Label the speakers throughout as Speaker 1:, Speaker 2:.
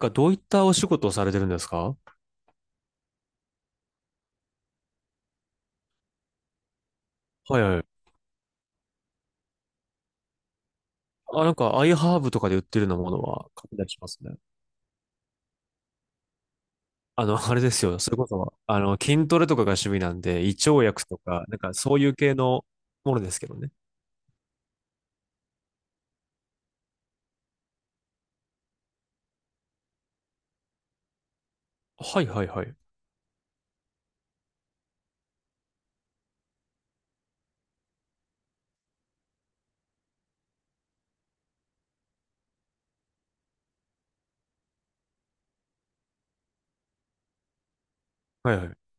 Speaker 1: がどういったお仕事をされてるんですか？はいはい。あ、なんか、アイハーブとかで売ってるようなものは買ったりしますね。あれですよ。それこそ、筋トレとかが趣味なんで、胃腸薬とか、なんかそういう系のものですけどね。はいはいはい。はいはい。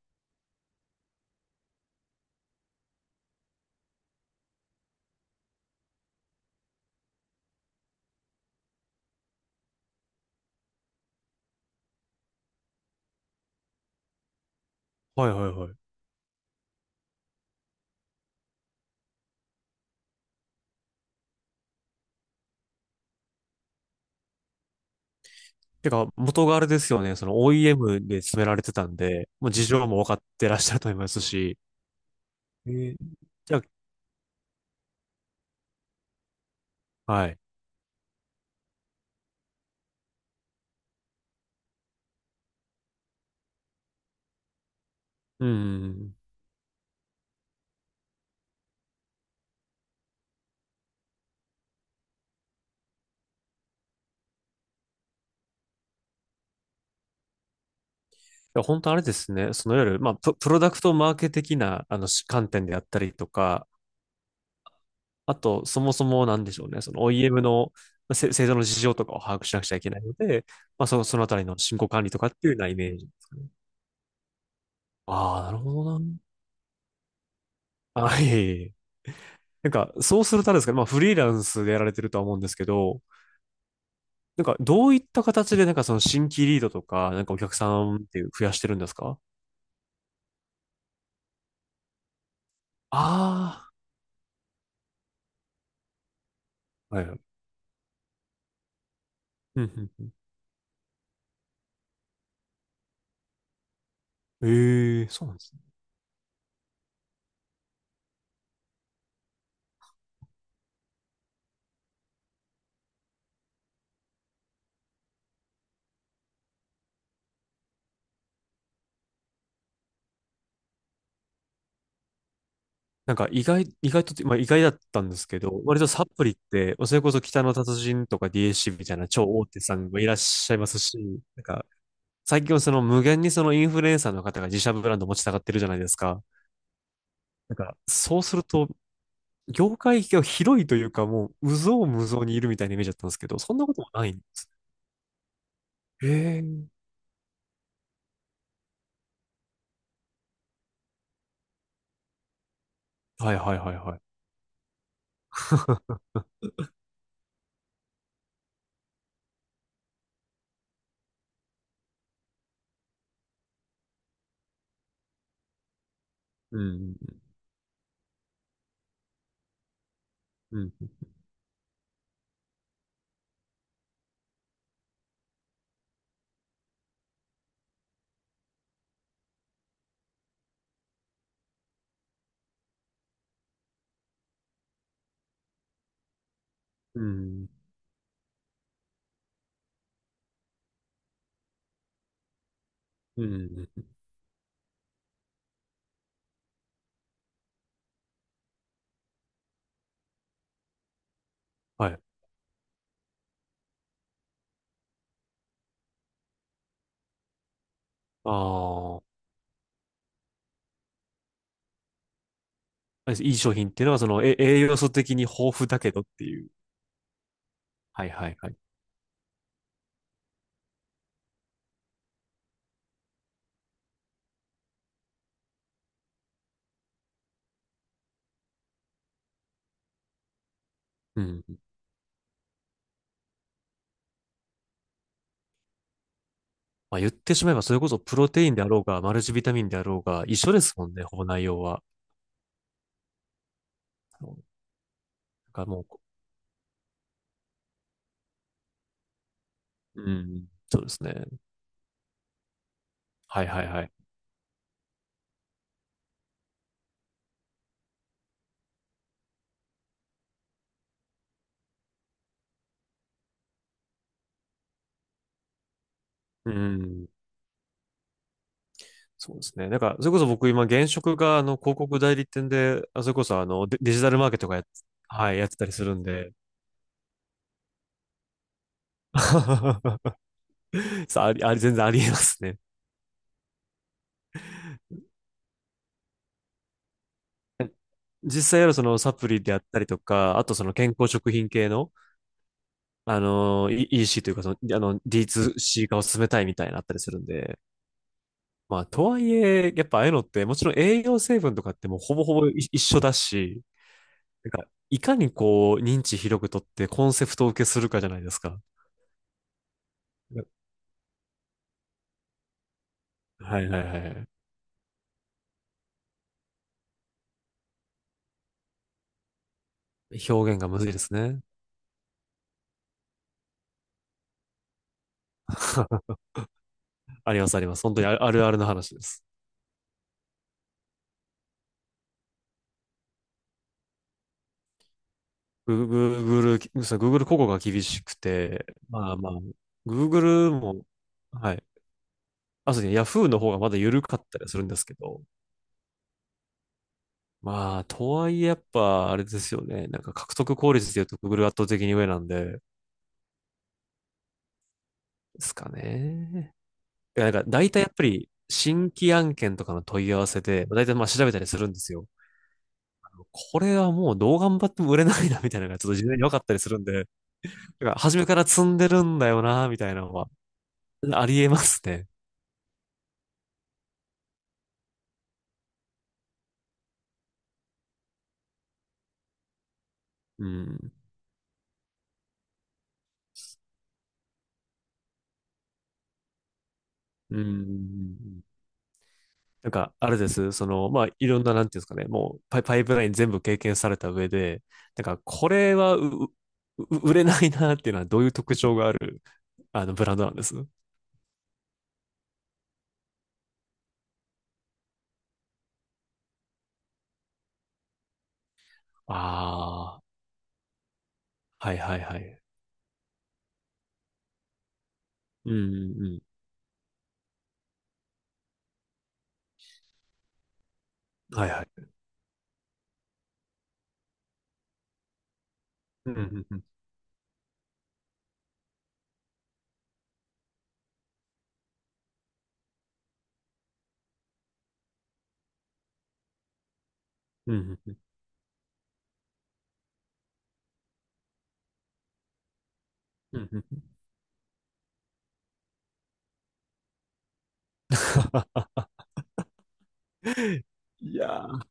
Speaker 1: はいはいはい。てか、元があれですよね。その OEM で詰められてたんで、もう事情も分かってらっしゃると思いますし。えーじゃあ、はい。うんうんうん。いや、本当あれですね。そのいわゆる、まあ、プロダクトマーケ的な、し観点であったりとか、あと、そもそもなんでしょうね、その OEM のせ製造の事情とかを把握しなくちゃいけないので、まあ、そのあたりの進行管理とかっていうようなイメージですかね。ああ、なるほどな。あ、いいえいえ。なんか、そうするとあれですかね、まあ、フリーランスでやられてるとは思うんですけど、なんか、どういった形で、なんか、その新規リードとか、なんかお客さんっていう増やしてるんですか？ああー、はいはい。うんうんうん。ええ、そうなんです。なんか意外とって、まあ意外だったんですけど、割とサプリって、それこそ北の達人とか DHC みたいな超大手さんもいらっしゃいますし、なんか最近はその無限にそのインフルエンサーの方が自社ブランド持ちたがってるじゃないですか。なんかそうすると、業界が広いというかもう、有象無象にいるみたいなイメージだったんですけど、そんなこともないんです。へえ。はいはいはいはい。うん、うん、うん、うん、うんはい。ああ、いい商品っていうのは、その、え栄養素的に豊富だけどっていう。はいはいはい。うん。まあ、言ってしまえば、それこそプロテインであろうが、マルチビタミンであろうが、一緒ですもんね、ほぼ内容は。だからもう、うん、そうですね。はいはいはい。うん。そうですね。だから、それこそ僕今、現職が、広告代理店で、あ、それこそ、デジタルマーケットがはい、やってたりするんで、さあ、あり、あり、全然ありえますね。実際やるそのサプリであったりとか、あとその健康食品系の、イーシ c というか、その、D2C 化を進めたいみたいなのあったりするんで、まあ、とはいえ、やっぱああいうのって、もちろん栄養成分とかってもうほぼほぼい一緒だし、なんか、いかにこう、認知広くとってコンセプトを受けするかじゃないですか。はいはいはいはい。表現がむずいですね。ありますあります。本当にああるあるの話です。Google そう、 Google 広告が厳しくて、まあまあ、Google も、はい。あ、そうですね、Yahoo の方がまだ緩かったりするんですけど、まあ、とはいえやっぱ、あれですよね。なんか獲得効率で言うと Google 圧倒的に上なんで、ですかね。いや、なんか大体やっぱり新規案件とかの問い合わせで、大体まあ調べたりするんですよ。これはもうどう頑張っても売れないな、みたいなのがちょっと事前に分かったりするんで、なんか初めから積んでるんだよな、みたいなのは、ありえますね。うん。うん。なんか、あれです。その、まあ、いろんな、なんていうんですかね、もうパイプライン全部経験された上で、なんか、これはう、う売れないなっていうのはどういう特徴がある、ブランドなんです？ああー、はいはいはい。うんうんうん。はいはい。うんうんうん。うんうんうん。うんうんうん いやー、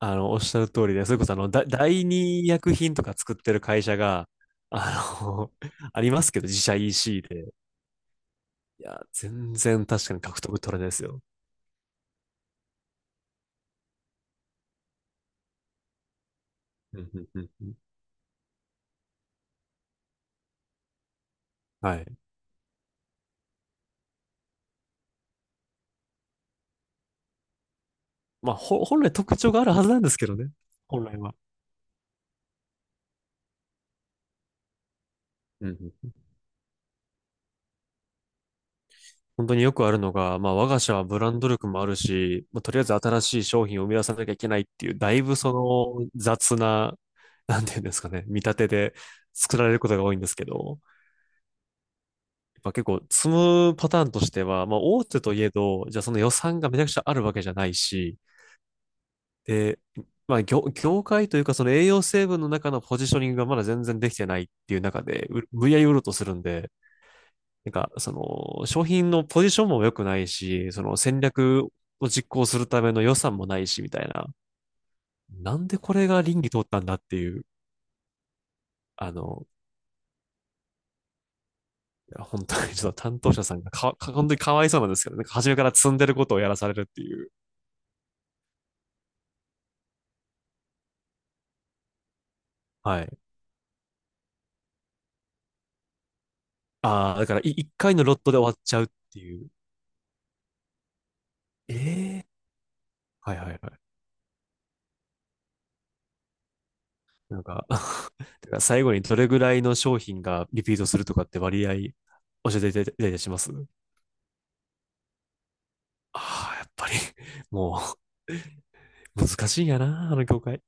Speaker 1: おっしゃる通りで、それこそ、第二医薬品とか作ってる会社が、あの、ありますけど、自社 EC で。いや、全然確かに獲得取れないですよ。うんうんうんうん、はい。まあ、ほ本来特徴があるはずなんですけどね。本来は。うんうん、本当によくあるのが、まあ、我が社はブランド力もあるし、まあ、とりあえず新しい商品を生み出さなきゃいけないっていう、だいぶその雑な、なんていうんですかね、見立てで作られることが多いんですけど、やっぱ結構積むパターンとしては、まあ、大手といえど、じゃあその予算がめちゃくちゃあるわけじゃないし、で、まあ、業界というか、その栄養成分の中のポジショニングがまだ全然できてないっていう中で、う無理やり売ろうとするんで、なんか、その、商品のポジションも良くないし、その戦略を実行するための予算もないし、みたいな。なんでこれが倫理通ったんだっていう、あの、いや、本当にちょっと担当者さんがか、か本当にかわいそうなんですけどね、なんか初めから積んでることをやらされるっていう。はい。ああ、だからい一回のロットで終わっちゃうっていう。ええ、はいはいはい。なんか てか最後にどれぐらいの商品がリピートするとかって割合教えていただいたりします？あ あー、やっぱり、もう、難しいんやな、あの業界。